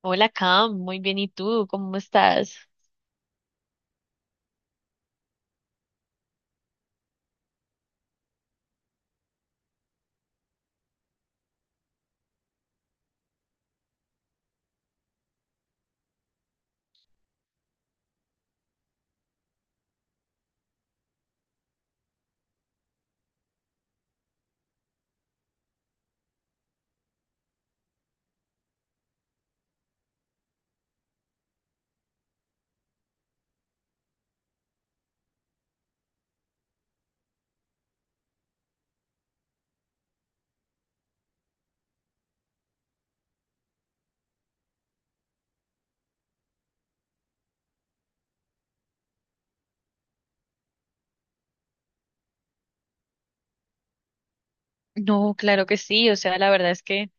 Hola Cam, muy bien, ¿y tú? ¿Cómo estás? No, claro que sí, o sea, la verdad es que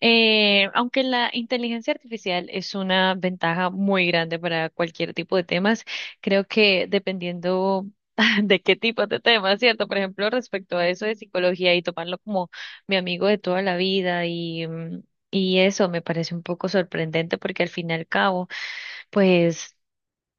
aunque la inteligencia artificial es una ventaja muy grande para cualquier tipo de temas, creo que dependiendo de qué tipo de temas, ¿cierto? Por ejemplo, respecto a eso de psicología y tomarlo como mi amigo de toda la vida y, y eso me parece un poco sorprendente porque al fin y al cabo, pues...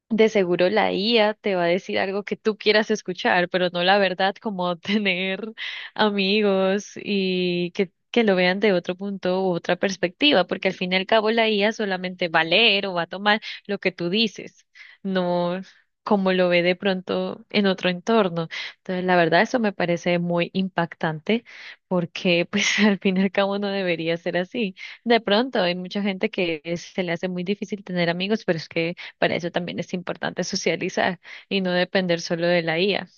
De seguro la IA te va a decir algo que tú quieras escuchar, pero no la verdad, como tener amigos y que lo vean de otro punto u otra perspectiva, porque al fin y al cabo la IA solamente va a leer o va a tomar lo que tú dices, no como lo ve de pronto en otro entorno. Entonces, la verdad, eso me parece muy impactante porque pues al fin y al cabo no debería ser así. De pronto hay mucha gente que se le hace muy difícil tener amigos, pero es que para eso también es importante socializar y no depender solo de la IA.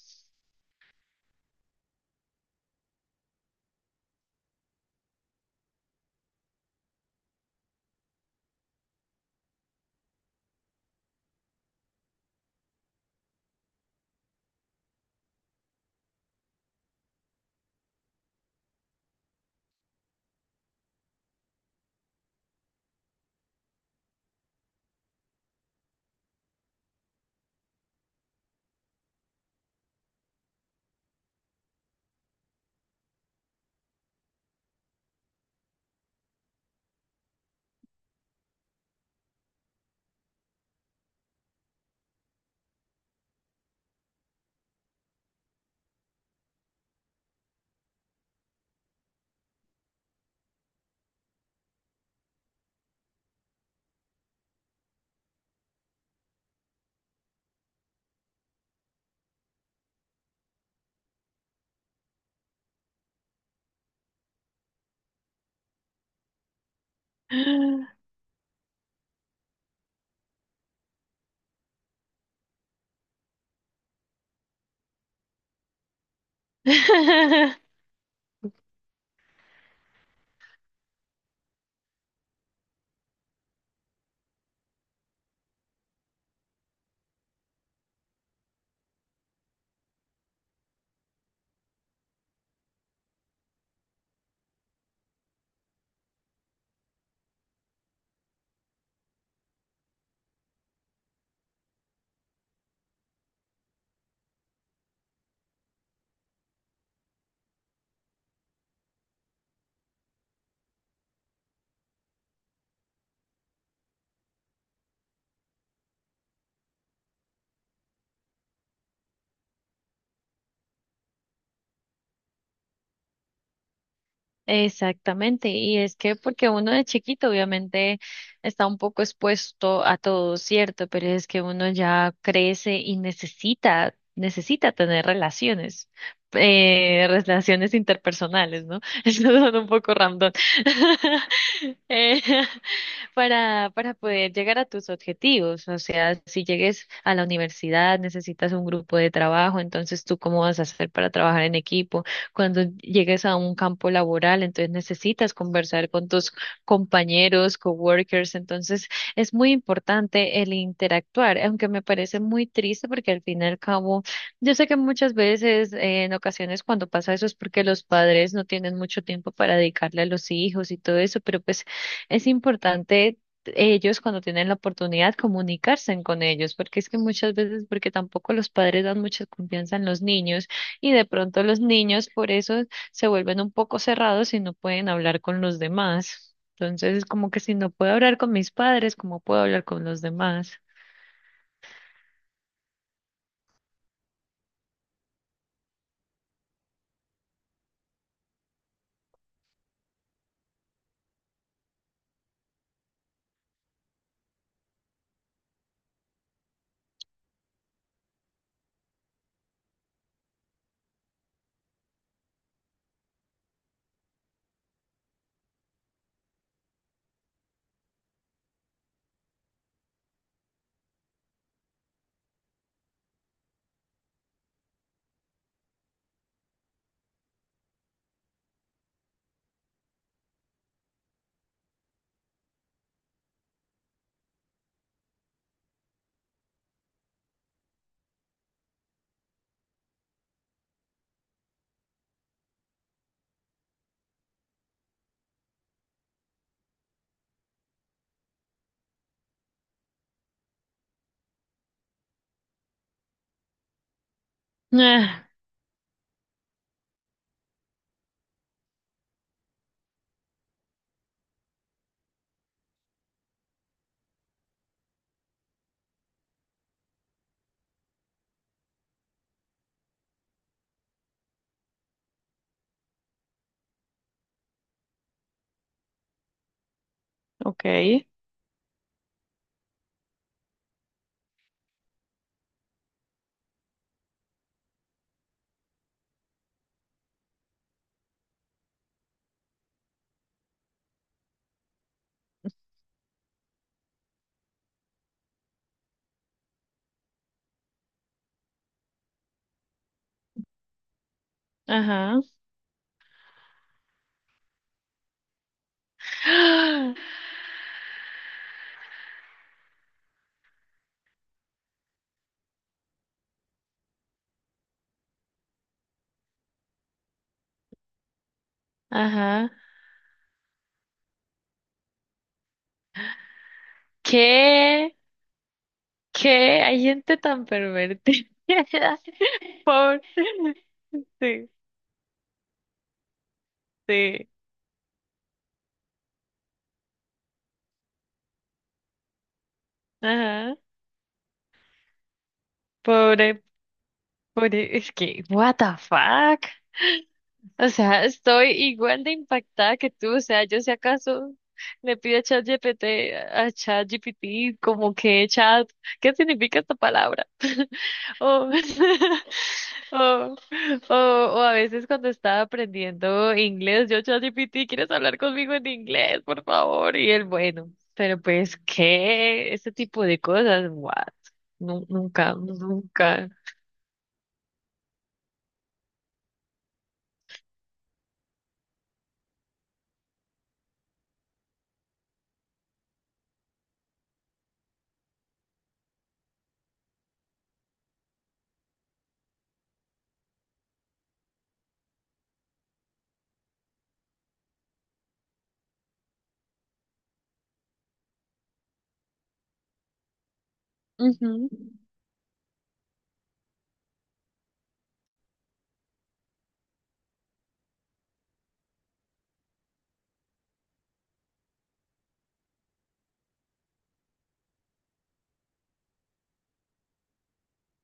Exactamente, y es que porque uno de chiquito obviamente está un poco expuesto a todo, ¿cierto? Pero es que uno ya crece y necesita, necesita tener relaciones, relaciones interpersonales, ¿no? Eso suena un poco random. Eh, para para poder llegar a tus objetivos, o sea, si llegues a la universidad necesitas un grupo de trabajo, entonces tú cómo vas a hacer para trabajar en equipo cuando llegues a un campo laboral, entonces necesitas conversar con tus compañeros, coworkers, entonces es muy importante el interactuar, aunque me parece muy triste porque al fin y al cabo, yo sé que muchas veces, en ocasiones cuando pasa eso es porque los padres no tienen mucho tiempo para dedicarle a los hijos y todo eso, pero pues es importante ellos cuando tienen la oportunidad comunicarse con ellos, porque es que muchas veces, porque tampoco los padres dan mucha confianza en los niños, y de pronto los niños por eso se vuelven un poco cerrados y no pueden hablar con los demás. Entonces, como que si no puedo hablar con mis padres, ¿cómo puedo hablar con los demás? Ah, ok. Ajá. Ajá. ¿Qué? ¿Qué? Hay gente tan pervertida. Pobre. Sí, sí. Ajá. Pobre, pobre. Es que, what the fuck? O sea, estoy igual de impactada que tú. O sea, yo si acaso le pido a ChatGPT, como que chat, ¿qué significa esta palabra? O, o, o, o a veces cuando estaba aprendiendo inglés, yo ChatGPT, ¿quieres hablar conmigo en inglés, por favor? Y él, bueno, pero pues, ¿qué? Este tipo de cosas, what? Nunca, nunca. Ujú.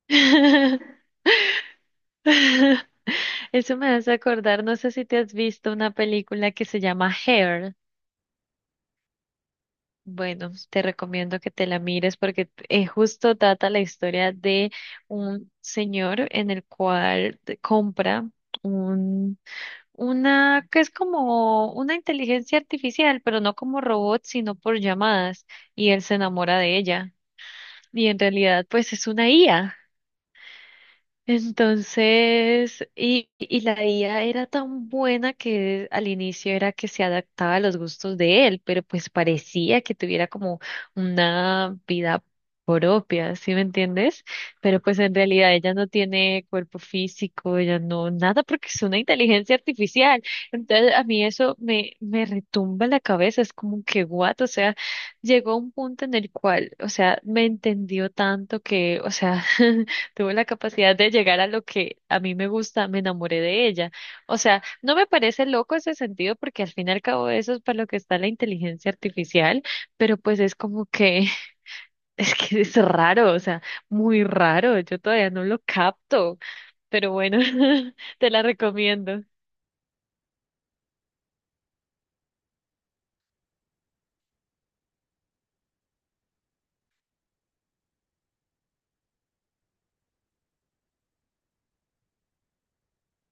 Eso me hace acordar, no sé si te has visto una película que se llama Hair. Bueno, te recomiendo que te la mires porque justo trata la historia de un señor en el cual compra un, una que es como una inteligencia artificial, pero no como robot, sino por llamadas, y él se enamora de ella. Y en realidad, pues es una IA. Entonces, y la IA era tan buena que al inicio era que se adaptaba a los gustos de él, pero pues parecía que tuviera como una vida propia, ¿sí me entiendes? Pero pues en realidad ella no tiene cuerpo físico, ella no, nada, porque es una inteligencia artificial. Entonces a mí eso me, me retumba en la cabeza, es como que what, o sea, llegó a un punto en el cual, o sea, me entendió tanto que, o sea... Tuvo la capacidad de llegar a lo que a mí me gusta, me enamoré de ella. O sea, no me parece loco ese sentido porque al fin y al cabo eso es para lo que está la inteligencia artificial, pero pues es como que es que es raro, o sea, muy raro, yo todavía no lo capto, pero bueno, te la recomiendo.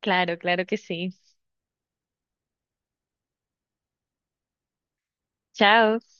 Claro, claro que sí. Chao.